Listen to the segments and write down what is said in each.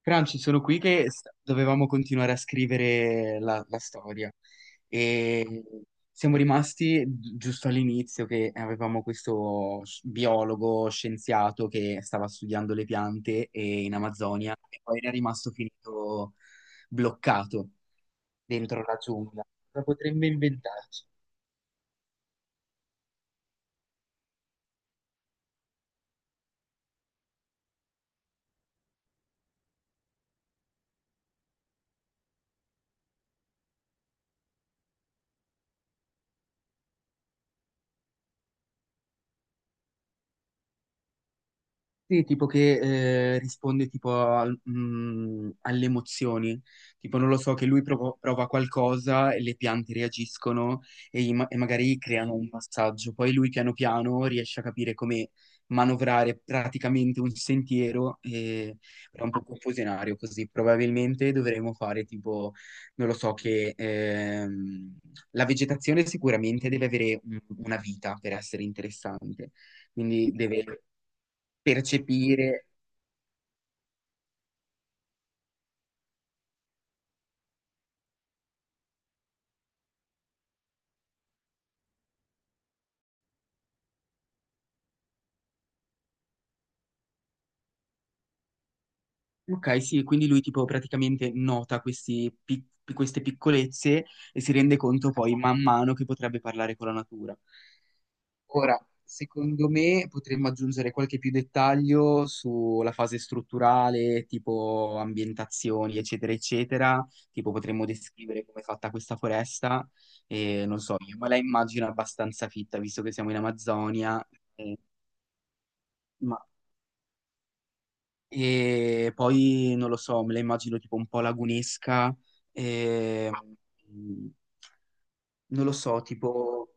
Franci, sono qui che dovevamo continuare a scrivere la storia e siamo rimasti giusto all'inizio che avevamo questo biologo scienziato che stava studiando le piante in Amazzonia e poi era rimasto finito bloccato dentro la giungla. Cosa potremmo inventarci? Sì, tipo che risponde tipo alle emozioni, tipo non lo so, che lui prova qualcosa e le piante reagiscono e magari creano un passaggio, poi lui piano piano riesce a capire come manovrare praticamente un sentiero. E... Però è un po' confusionario così, probabilmente dovremmo fare tipo, non lo so, che la vegetazione sicuramente deve avere una vita per essere interessante, quindi deve percepire. Ok, sì, quindi lui tipo praticamente nota queste piccolezze e si rende conto poi man mano che potrebbe parlare con la natura. Ora, secondo me potremmo aggiungere qualche più dettaglio sulla fase strutturale, tipo ambientazioni, eccetera, eccetera. Tipo potremmo descrivere come è fatta questa foresta e non so, io me la immagino abbastanza fitta, visto che siamo in Amazzonia. eh, ma E poi non lo so, me la immagino tipo un po' lagunesca, e, mm, non lo so, tipo,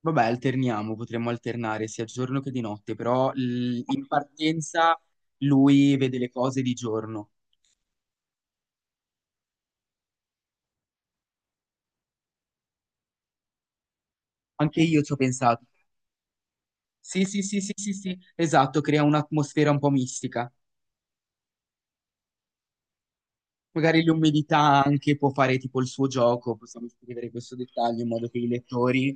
vabbè, alterniamo, potremmo alternare sia giorno che di notte, però in partenza lui vede le cose di giorno. Anche io ci ho pensato. Sì, sì, sì, sì, sì, sì, esatto, crea un'atmosfera un po' mistica. Magari l'umidità anche può fare tipo il suo gioco, possiamo scrivere questo dettaglio in modo che i lettori.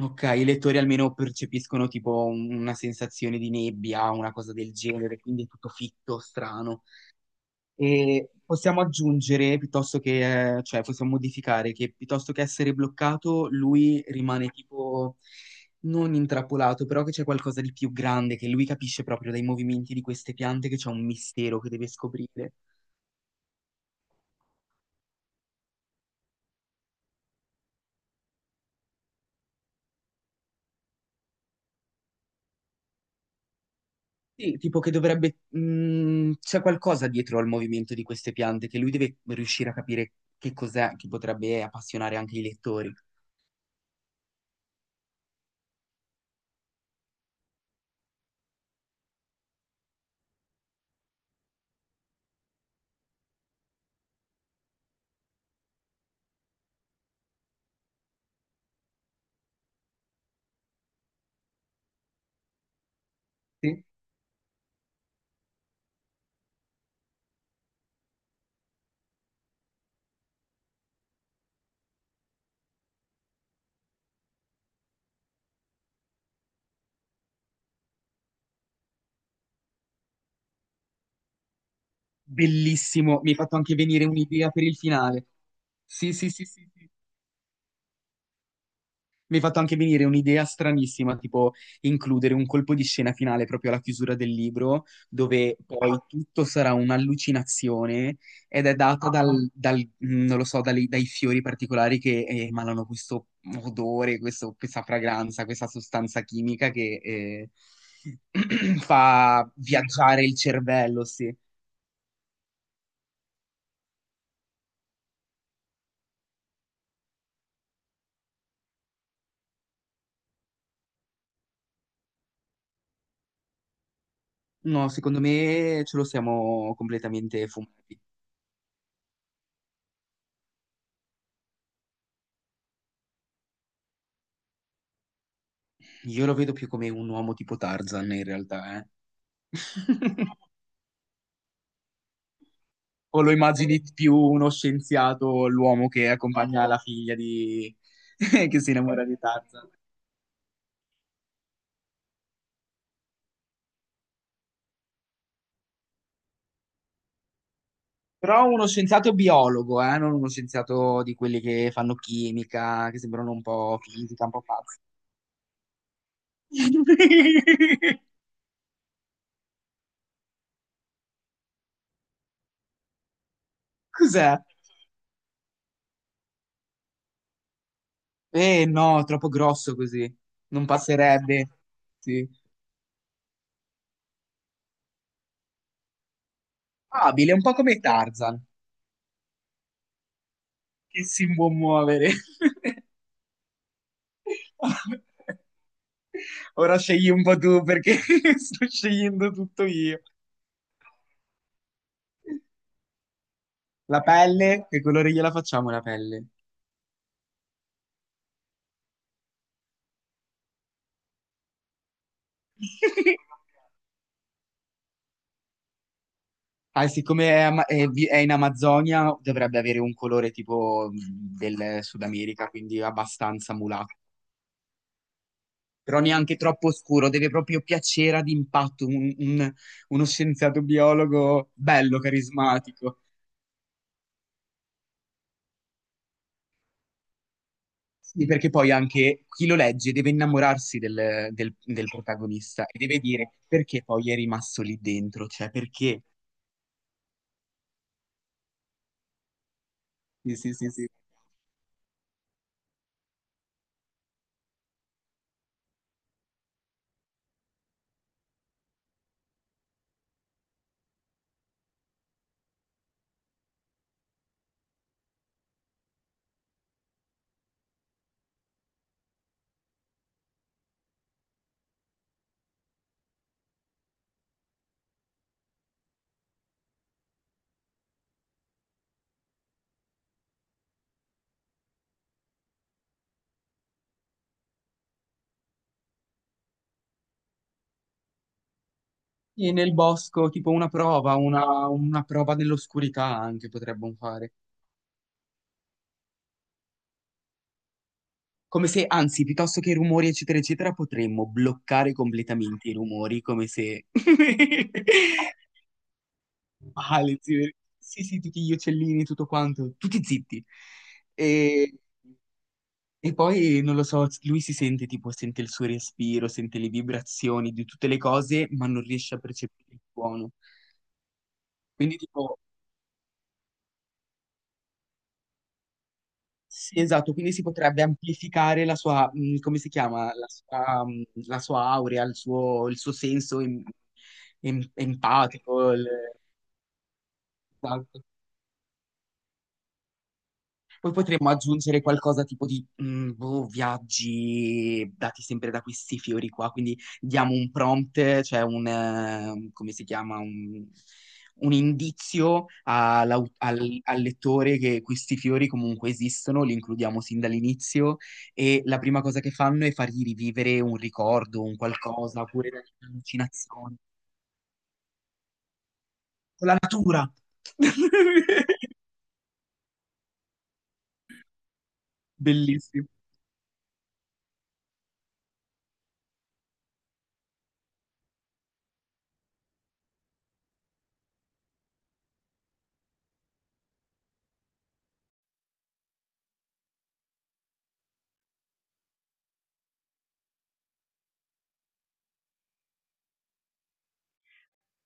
Ok, i lettori almeno percepiscono tipo una sensazione di nebbia, una cosa del genere, quindi è tutto fitto, strano. E possiamo aggiungere, piuttosto che, cioè possiamo modificare, che piuttosto che essere bloccato, lui rimane tipo non intrappolato, però che c'è qualcosa di più grande, che lui capisce proprio dai movimenti di queste piante che c'è un mistero che deve scoprire. Sì, tipo che dovrebbe... c'è qualcosa dietro al movimento di queste piante che lui deve riuscire a capire che cos'è che potrebbe appassionare anche i lettori. Sì. Bellissimo, mi hai fatto anche venire un'idea per il finale. Sì, sì, sì, sì, sì. Mi hai fatto anche venire un'idea stranissima, tipo includere un colpo di scena finale proprio alla chiusura del libro, dove poi tutto sarà un'allucinazione ed è data non lo so, dai fiori particolari che emanano questo odore, questa fragranza, questa sostanza chimica che fa viaggiare il cervello, sì. No, secondo me ce lo siamo completamente fumati. Io lo vedo più come un uomo tipo Tarzan in realtà, eh. O lo immagini più uno scienziato, l'uomo che accompagna la figlia di... che si innamora di Tarzan? Però uno scienziato biologo, non uno scienziato di quelli che fanno chimica, che sembrano un po' fisica, un po' pazzi. Cos'è? Eh no, troppo grosso così. Non passerebbe. Sì. Abile, un po' come Tarzan, che si può muovere. Ora scegli un po' tu perché sto scegliendo tutto io. La pelle? Che colore gliela facciamo la pelle? Ah, siccome è, è in Amazzonia, dovrebbe avere un colore tipo del Sud America, quindi abbastanza mulatto. Però neanche troppo scuro, deve proprio piacere ad impatto, uno scienziato biologo bello, carismatico. Sì, perché poi anche chi lo legge deve innamorarsi del protagonista e deve dire perché poi è rimasto lì dentro, cioè perché. Sì, sì, sì, sì. Sì, nel bosco, tipo una prova, una prova nell'oscurità anche potremmo fare. Come se, anzi, piuttosto che i rumori, eccetera, eccetera, potremmo bloccare completamente i rumori, come se... Male, sì, sì, sì, tutti gli uccellini, tutto quanto, tutti zitti. E, e poi, non lo so, lui si sente tipo, sente il suo respiro, sente le vibrazioni di tutte le cose, ma non riesce a percepire il suono. Quindi tipo sì, esatto, quindi si potrebbe amplificare la sua, come si chiama, la sua aurea, il suo senso empatico. Il- esatto. Poi potremmo aggiungere qualcosa tipo di boh, viaggi dati sempre da questi fiori qua, quindi diamo un prompt, cioè un, come si chiama, un indizio al lettore che questi fiori comunque esistono, li includiamo sin dall'inizio e la prima cosa che fanno è fargli rivivere un ricordo, un qualcosa, oppure delle allucinazioni. Con la natura! Bellissimo.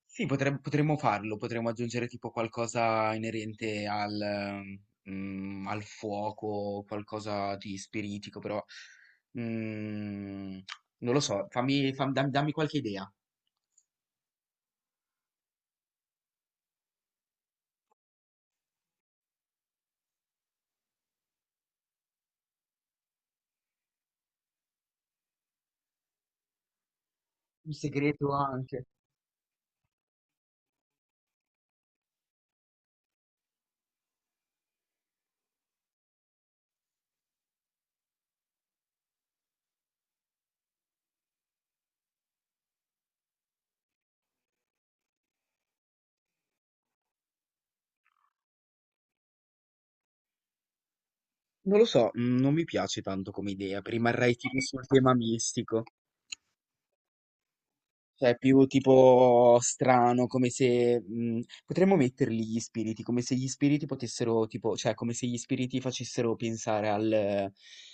Sì, potremmo farlo, potremmo aggiungere tipo qualcosa inerente al, al fuoco, qualcosa di spiritico, però mm, non lo so, dammi qualche idea. Un segreto anche. Non lo so, non mi piace tanto come idea, rimarrei tipo sul tema mistico. Cioè, più tipo strano, come se potremmo metterli gli spiriti, come se gli spiriti potessero, tipo, cioè, come se gli spiriti facessero pensare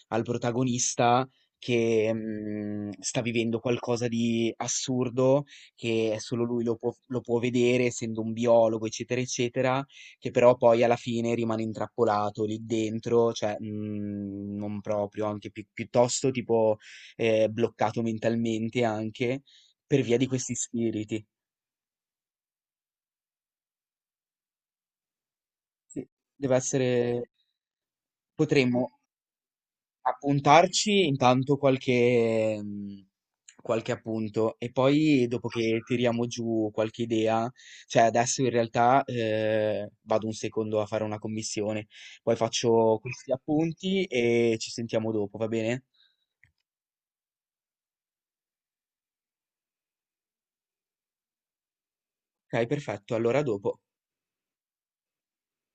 al protagonista che sta vivendo qualcosa di assurdo, che solo lui lo può vedere, essendo un biologo, eccetera, eccetera, che però poi alla fine rimane intrappolato lì dentro, cioè, non proprio, anche piuttosto tipo bloccato mentalmente anche per via di questi spiriti. Sì. Deve essere potremmo appuntarci intanto qualche qualche appunto e poi dopo che tiriamo giù qualche idea, cioè adesso in realtà, vado un secondo a fare una commissione, poi faccio questi appunti e ci sentiamo dopo, va bene? Okay, perfetto, allora a dopo.